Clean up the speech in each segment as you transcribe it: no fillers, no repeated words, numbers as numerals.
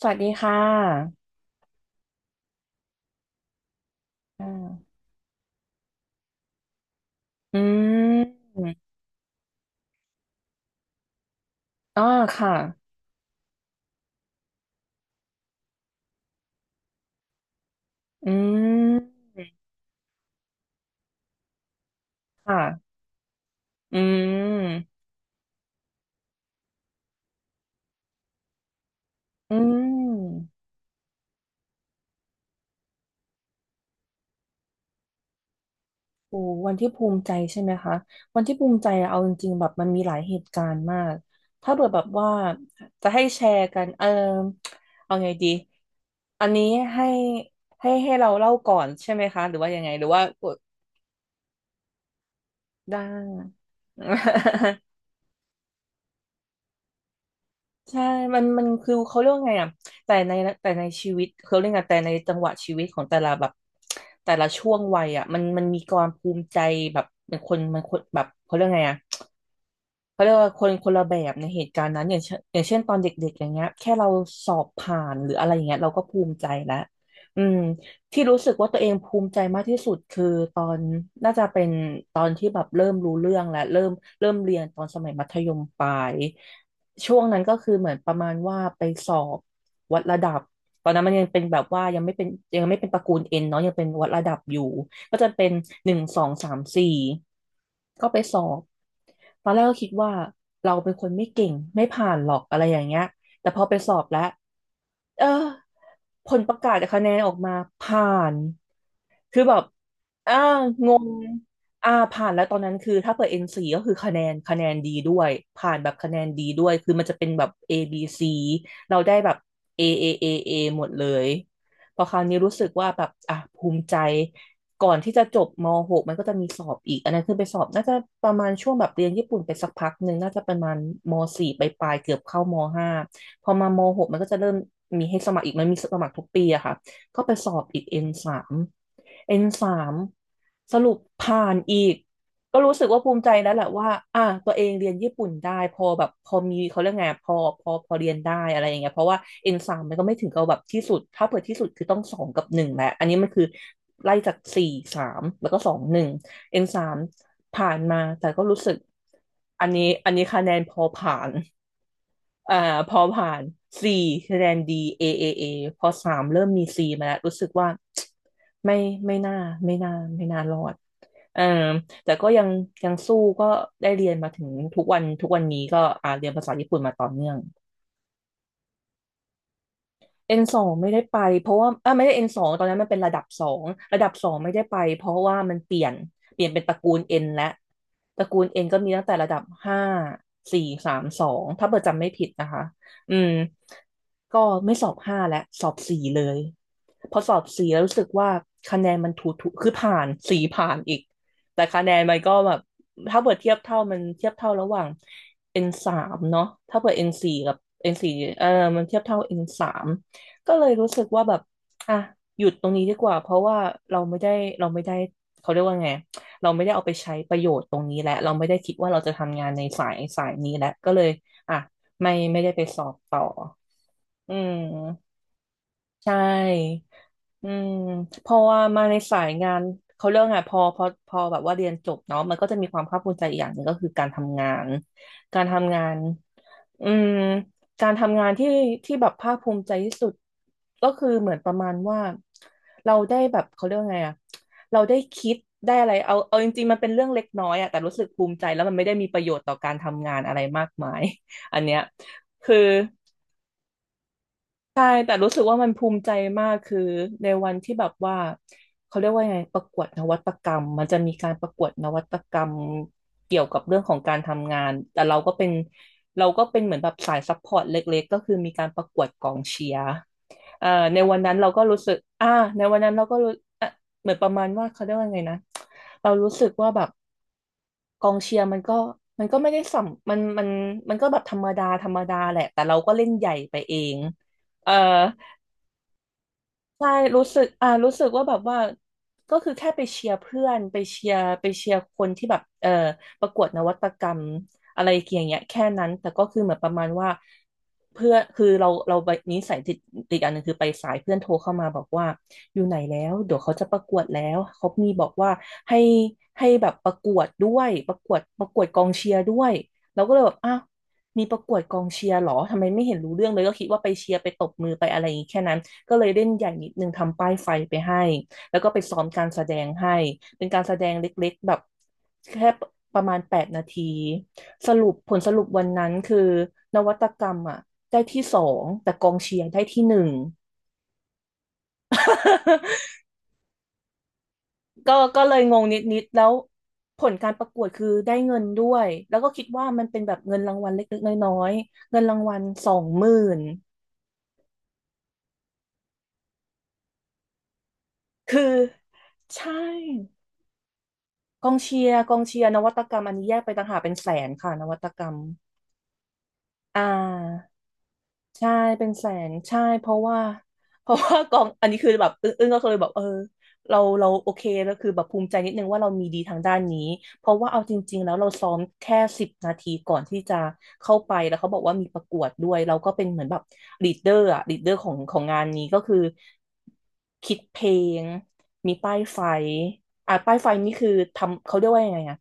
สวัสดีค่ะอ่าอืมอ๋อค่ะอืมค่ะอืมอืมโอ้วันที่ภูมิใจใช่ไหมคะวันที่ภูมิใจอะเอาจริงๆแบบมันมีหลายเหตุการณ์มาก ถ้าเกิดแบบว่าจะให้แชร์กัน เออเอาไงดี อันนี้ให้ให้เราเล่าก่อนใช่ไหมคะ หรือว่ายังไงหรือว่าได้ ใช่มันคือเขาเรียกว่าไงอ่ะแต่ในแต่ในชีวิตเขาเรียกไง แต่ในจังหวะชีวิตของแต่ละแบบแต่ละช่วงวัยอ่ะมันมีความภูมิใจแบบเป็นคนมันคนแบบเขาเรียกไงอ่ะ เขาเรียกว่าคนคนละแบบในเหตุการณ์นั้นอย่างเช่นตอนเด็กๆอย่างเงี้ยแค่เราสอบผ่านหรืออะไรอย่างเงี้ยเราก็ภูมิใจแล้วอืมที่รู้สึกว่าตัวเองภูมิใจมากที่สุดคือตอนน่าจะเป็นตอนที่แบบเริ่มรู้เรื่องและเริ่มเรียนตอนสมัยมัธยมปลายช่วงนั้นก็คือเหมือนประมาณว่าไปสอบวัดระดับตอนนั้นมันยังเป็นแบบว่ายังไม่เป็นตระกูลเอ็นเนาะยังเป็นวัดระดับอยู่ ก็จะเป็นหนึ่งสองสามสี่ก็ไปสอบตอนแรกก็คิดว่าเราเป็นคนไม่เก่งไม่ผ่านหรอกอะไรอย่างเงี้ยแต่พอไปสอบแล้วเออผลประกาศคะแนนออกมาผ่าน คือแบบอ่างงผ่านแล้วตอนนั้นคือถ้าเปิด N4 ก็คือคะแนนดีด้วย ผ่านแบบคะแนนดีด้วย คือมันจะเป็นแบบ A B C เราได้แบบ A A A A หมดเลย พอคราวนี้รู้สึกว่าแบบ อ่ะ ภูมิใจก่อนที่จะจบม .6 มันก็จะมีสอบอีก อันนั้นคือไปสอบน่าจะประมาณช่วงแบบเรียนญี่ปุ่นไปสักพักหนึ่งน่าจะประมาณม .4 ปลายๆเกือบเข้ามห้าพอมามหกมันก็จะเริ่มมีให้สมัครอีกมันมีสมัครทุกปีอะค่ะ ก็ไปสอบอีก N สามสรุปผ่านอีกก็รู้สึกว่าภูมิใจแล้วแหละว่าอ่ะตัวเองเรียนญี่ปุ่นได้พอแบบพอมีเขาเรียกไงพอเรียนได้อะไรอย่างเงี้ยเพราะว่า N สามมันก็ไม่ถึงกับแบบที่สุดถ้าเผื่อที่สุดคือต้องสองกับหนึ่งแหละอันนี้มันคือไล่จากสี่สามแล้วก็สองหนึ่ง N สามผ่านมาแต่ก็รู้สึกอันนี้คะแนนพอผ่าน อ่าพอผ่าน C คะแนน D A A A พอสามเริ่มมี C มาแล้วรู้สึกว่า ไม่ไม่น่าไม่น่าไม่น่ารอดเออแต่ก็ยังยังสู้ก็ได้เรียนมาถึงทุกวันนี้ก็เรียนภาษาญี่ปุ่นมาต่อเนื่อง N สองไม่ได้ไปเพราะว่าไม่ได้ N สองตอนนั้นมันเป็นระดับสองระดับสองไม่ได้ไปเพราะว่ามันเปลี่ยนเปลี่ยนเป็นตระกูล N และตระกูล N ก็มีตั้งแต่ระดับห้าสี่สามสองถ้าเบอร์จำไม่ผิดนะคะอืมก็ไม่สอบห้าแล้วสอบสี่เลยพอสอบสี่แล้วรู้สึกว่าคะแนนมันถูถูคือผ่านสี่ผ่านอีกแต่คะแนนมันก็แบบถ้าเปิดเทียบเท่ามันเทียบเท่าระหว่างเอ็นสามเนาะถ้าเปิดเอ็นสี่กับเอ็นสี่เออมันเทียบเท่าเอ็นสาม ก็เลยรู้สึกว่าแบบอ่ะหยุดตรงนี้ดีกว่า เพราะว่าเราไม่ได้เราไม่ได้ เขาเรียกว่าไง เราไม่ได้เอาไปใช้ประโยชน์ตรงนี้และเราไม่ได้คิดว่าเราจะทำงานในสายนี้แล้ว ก็เลยอ่ะไม่ได้ไปสอบต่ออืมใช่ อืมเพอว่ามาในสายงานเขาเรื่องไงพอแบบว่าเรียนจบเนาะมันก็จะมีความภาคภูมิใจอีกอย่างหนึ่งก็คือการทำงานอืมการทำงานที่ที่แบบภาคภูมิใจที่สุดก็คือเหมือนประมาณว่าเราได้แบบเขาเรียกว่าไงอะเราได้คิดได้อะไรเอาจริงๆมันเป็นเรื่องเล็กน้อยอะแต่รู้สึกภูมิใจแล้วมันไม่ได้มีประโยชน์ต่อการทำงานอะไรมากมายอันเนี้ยคือ ใช่แต่รู้สึกว่ามันภูมิใจมากคือในวันที่แบบว่าเขาเรียกว่าไงประกวดนวัตกรรมมันจะมีการประกวดนวัตกรรมเกี่ยวกับเรื่องของการทำงานแต่เราก็เป็นเหมือนแบบสายซัพพอร์ตเล็กๆก็คือมีการประกวดกองเชียร์เอ่อในวันนั้นเราก็รู้สึกในวันนั้นเราก็รู้อ่ะเหมือนประมาณว่าเขาเรียกว่าไงนะเรารู้สึกว่าแบบกองเชียร์มันก็ไม่ได้สัมมันมันก็แบบธรรมดาธรรมดาแหละแต่เราก็เล่นใหญ่ไปเองเออ ใช่รู้สึกรู้สึกว่าแบบว่าก็คือแค่ไปเชียร์เพื่อนไปเชียร์คนที่แบบเออประกวดนวัตกรรมอะไรอย่างเงี้ยแค่นั้นแต่ก็คือเหมือนประมาณว่าเพื่อคือเราไปนิสัยติดอันหนึ่งคือไปสายเพื่อนโทรเข้ามาบอกว่าอยู่ไหนแล้วเดี๋ยวเขาจะประกวดแล้วเขามีบอกว่าให้ให้แบบประกวดด้วยประกวดกองเชียร์ด้วยเราก็เลยแบบอ้าวมีประกวดกองเชียร์เหรอทำไมไม่เห็นรู้เรื่องเลยก็คิดว่าไปเชียร์ไปตบมือไปอะไรอย่างงี้แค่นั้น ก็เลยเล่นใหญ่นิดนึงทำป้ายไฟไปให้แล้วก็ไปซ้อมการแสดงให้เป็นการแสดงเล็กๆแบบแค่ประมาณ8 นาทีสรุปผลสรุปวันนั้นคือนวัตกรรมอ่ะได้ที่สองแต่กองเชียร์ได้ที่หนึ่ง ก็เลยงงนิดๆแล้วผลการประกวดคือได้เงินด้วยแล้วก็คิดว่ามันเป็นแบบเงินรางวัลเล็กๆน้อยๆเงินรางวัล20,000คือใช่ กองเชียร์นวัตกรรมอันนี้แยกไปต่างหากเป็นแสนค่ะนวัตกรรมอ่า ใช่เป็นแสนใช่เพราะว่า เพราะว่ากองอันนี้คือแบบอึ้งๆก็เลยแบบเออเราโอเคแล้วคือแบบภูมิใจนิดนึงว่าเรามีดีทางด้านนี้เพราะว่าเอาจริงๆแล้วเราซ้อมแค่สิบนาทีก่อนที่จะเข้าไปแล้วเขาบอกว่ามีประกวดด้วยเราก็เป็นเหมือนแบบลีดเดอร์อะลีดเดอร์ของงานนี้ก็คือคิดเพลงมีป้ายไฟอ่ะป้ายไฟนี่คือทำเขาเรียกว่ายังไงอะ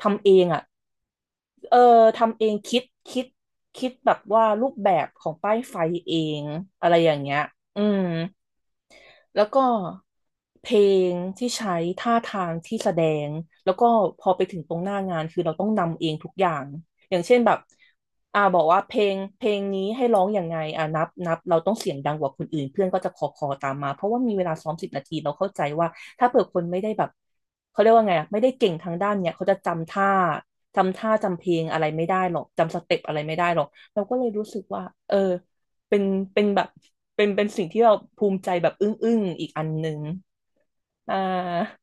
ทำเองอะ เออทำเองคิดคิดแบบว่ารูปแบบของป้ายไฟเองอะไรอย่างเงี้ยอืม แล้วก็เพลงที่ใช้ท่าทางที่แสดงแล้วก็พอไปถึงตรงหน้างานคือเราต้องนำเองทุกอย่างอย่างเช่นแบบอ่าบอกว่าเพลงนี้ให้ร้องอย่างไงอ่านับเราต้องเสียงดังกว่าคนอื่นเพื่อนก็จะคอตามมาเพราะว่ามีเวลาซ้อมสิบนาทีเราเข้าใจว่าถ้าเผื่อคนไม่ได้แบบเขาเรียกว่าไงอ่ะไม่ได้เก่งทางด้านเนี้ยเขาจะจำท่าจำเพลงอะไรไม่ได้หรอกจำสเต็ปอะไรไม่ได้หรอกเราก็เลยรู้สึกว่าเออ เป็นเป็นแบบเป็นสิ่งที่เราภูมิใจแบบอึ้งอึ้งอีกอันหนึ่งอ่า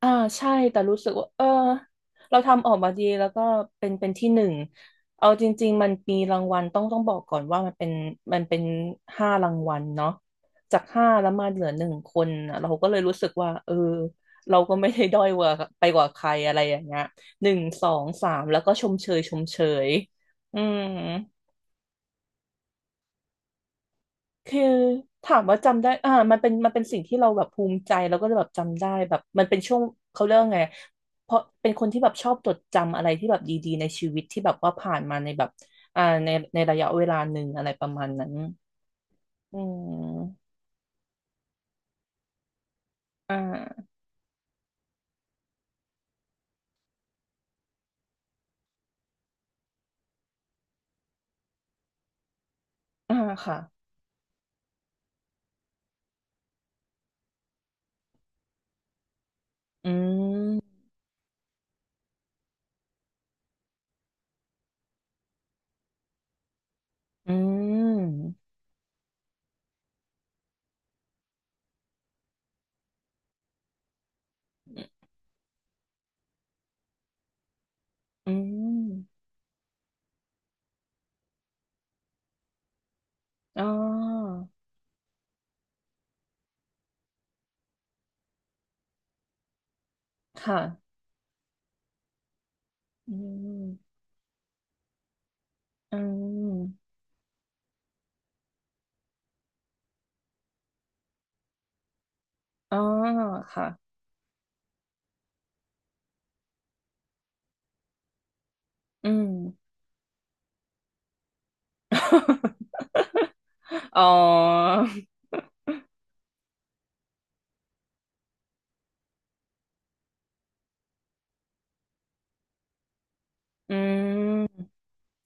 อ่าใช่แต่รู้สึกว่าเออเราทำออกมาดีแล้วก็เป็นที่หนึ่งเอาจริงๆมันมีรางวัลต้องบอกก่อนว่ามันเป็นห้ารางวัลเนาะจากห้าแล้วมาเหลือหนึ่งคนน่ะเราก็เลยรู้สึกว่าเออเราก็ไม่ได้ด้อยกว่าไปกว่าใครอะไรอย่างเงี้ยหนึ่งสองสามแล้วก็ชมเชยอืม คือถามว่าจำได้อ่า มันเป็นสิ่งที่เราแบบภูมิใจแล้วก็แบบจำได้แบบมันเป็นช่วงเขาเรียกว่าไงเพราะเป็นคนที่แบบชอบจดจำอะไรที่แบบดีๆในชีวิตที่แบบว่าผ่านมาในแบบอ่าในในระยะเวลาหนึ่งอะไรประมาณนั้นอืมอ่าอ่าค่ะ อืมอืมอืมอ๋อค่ะอืมอืมอ๋อค่ะอืม อ๋ออืม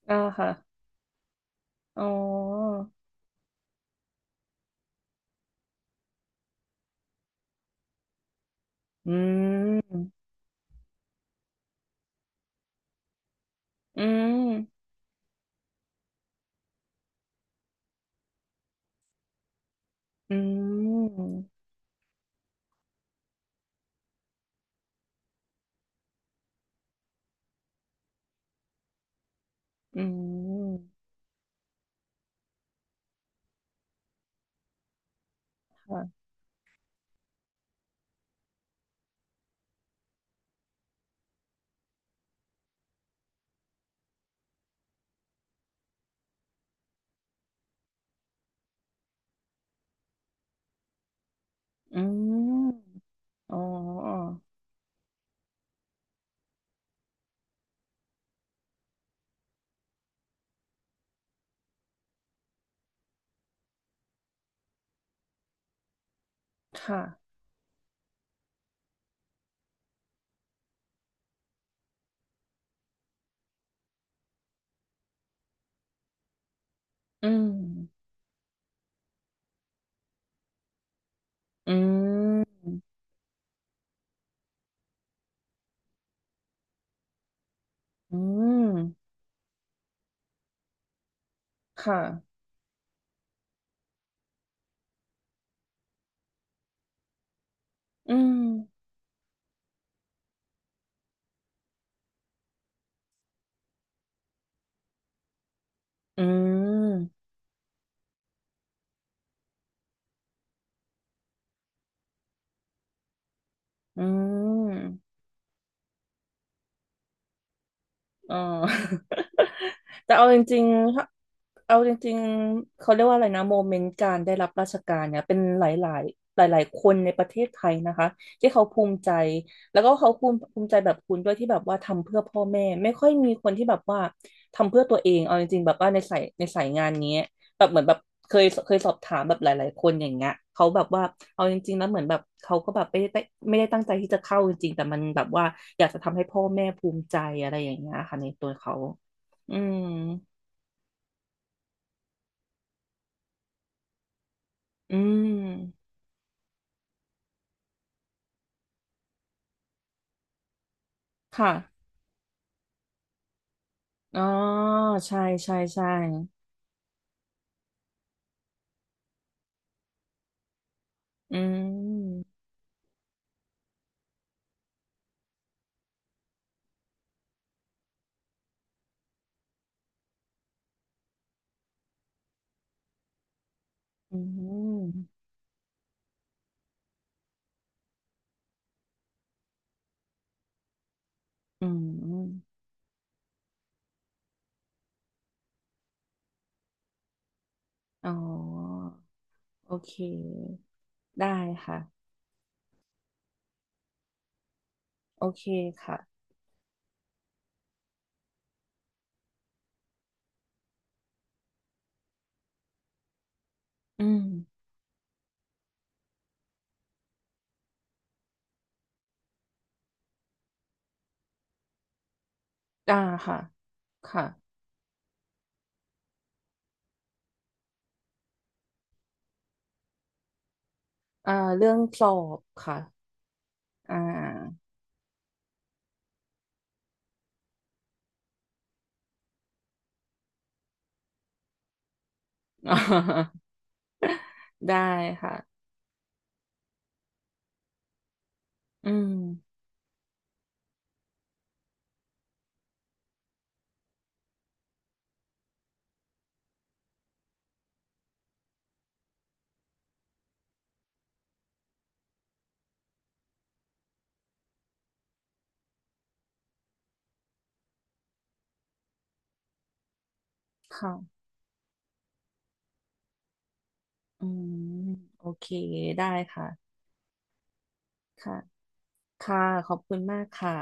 อ่าค่ะอ๋ออืมอืมอืมอืมค่ะอืมอ๋อค่ะอืมอืมอืมค่ะอืมอืมอืม อ๋อ แต่เอาจริงๆเขาเรียกว่าอะไรนะโมเมนต์การได้รับราชการเนี่ยเป็นหลายๆหลายๆคนในประเทศไทยนะคะที่เขาภูมิใจแล้วก็เขาภูมิใจแบบคุณด้วยที่แบบว่าทำเพื่อพ่อแม่ไม่ค่อยมีคนที่แบบว่าทำเพื่อตัวเองเอาจริงๆแบบว่าในสายงานนี้ แบบเหมือนแบบเคยสอบถามแบบหลายๆคนอย่างเงี้ยเขาแบบว่าเอาจริงๆแล้วเหมือนแบบเขาก็แบบไม่ได้ตั้งใจที่จะเข้าจริงๆแต่มันแบบว่าอยากจะทำให้พ่อแม่ภูมิใจอะไรอย่างเงี้ยค่ะในตัวเขา อืมอืมค่ะอ๋อใช่ใช่ใช่อืมอืมอืมอ๋อโอเค ได้ค่ะ โอเคค่ะ อืมได้ค่ะค่ะอ่าเรื่องสอบค่ะ อ่า ได้ค่ะอืมค่ะอืมโอเคได้ค่ะค่ะค่ะขอบคุณมากค่ะ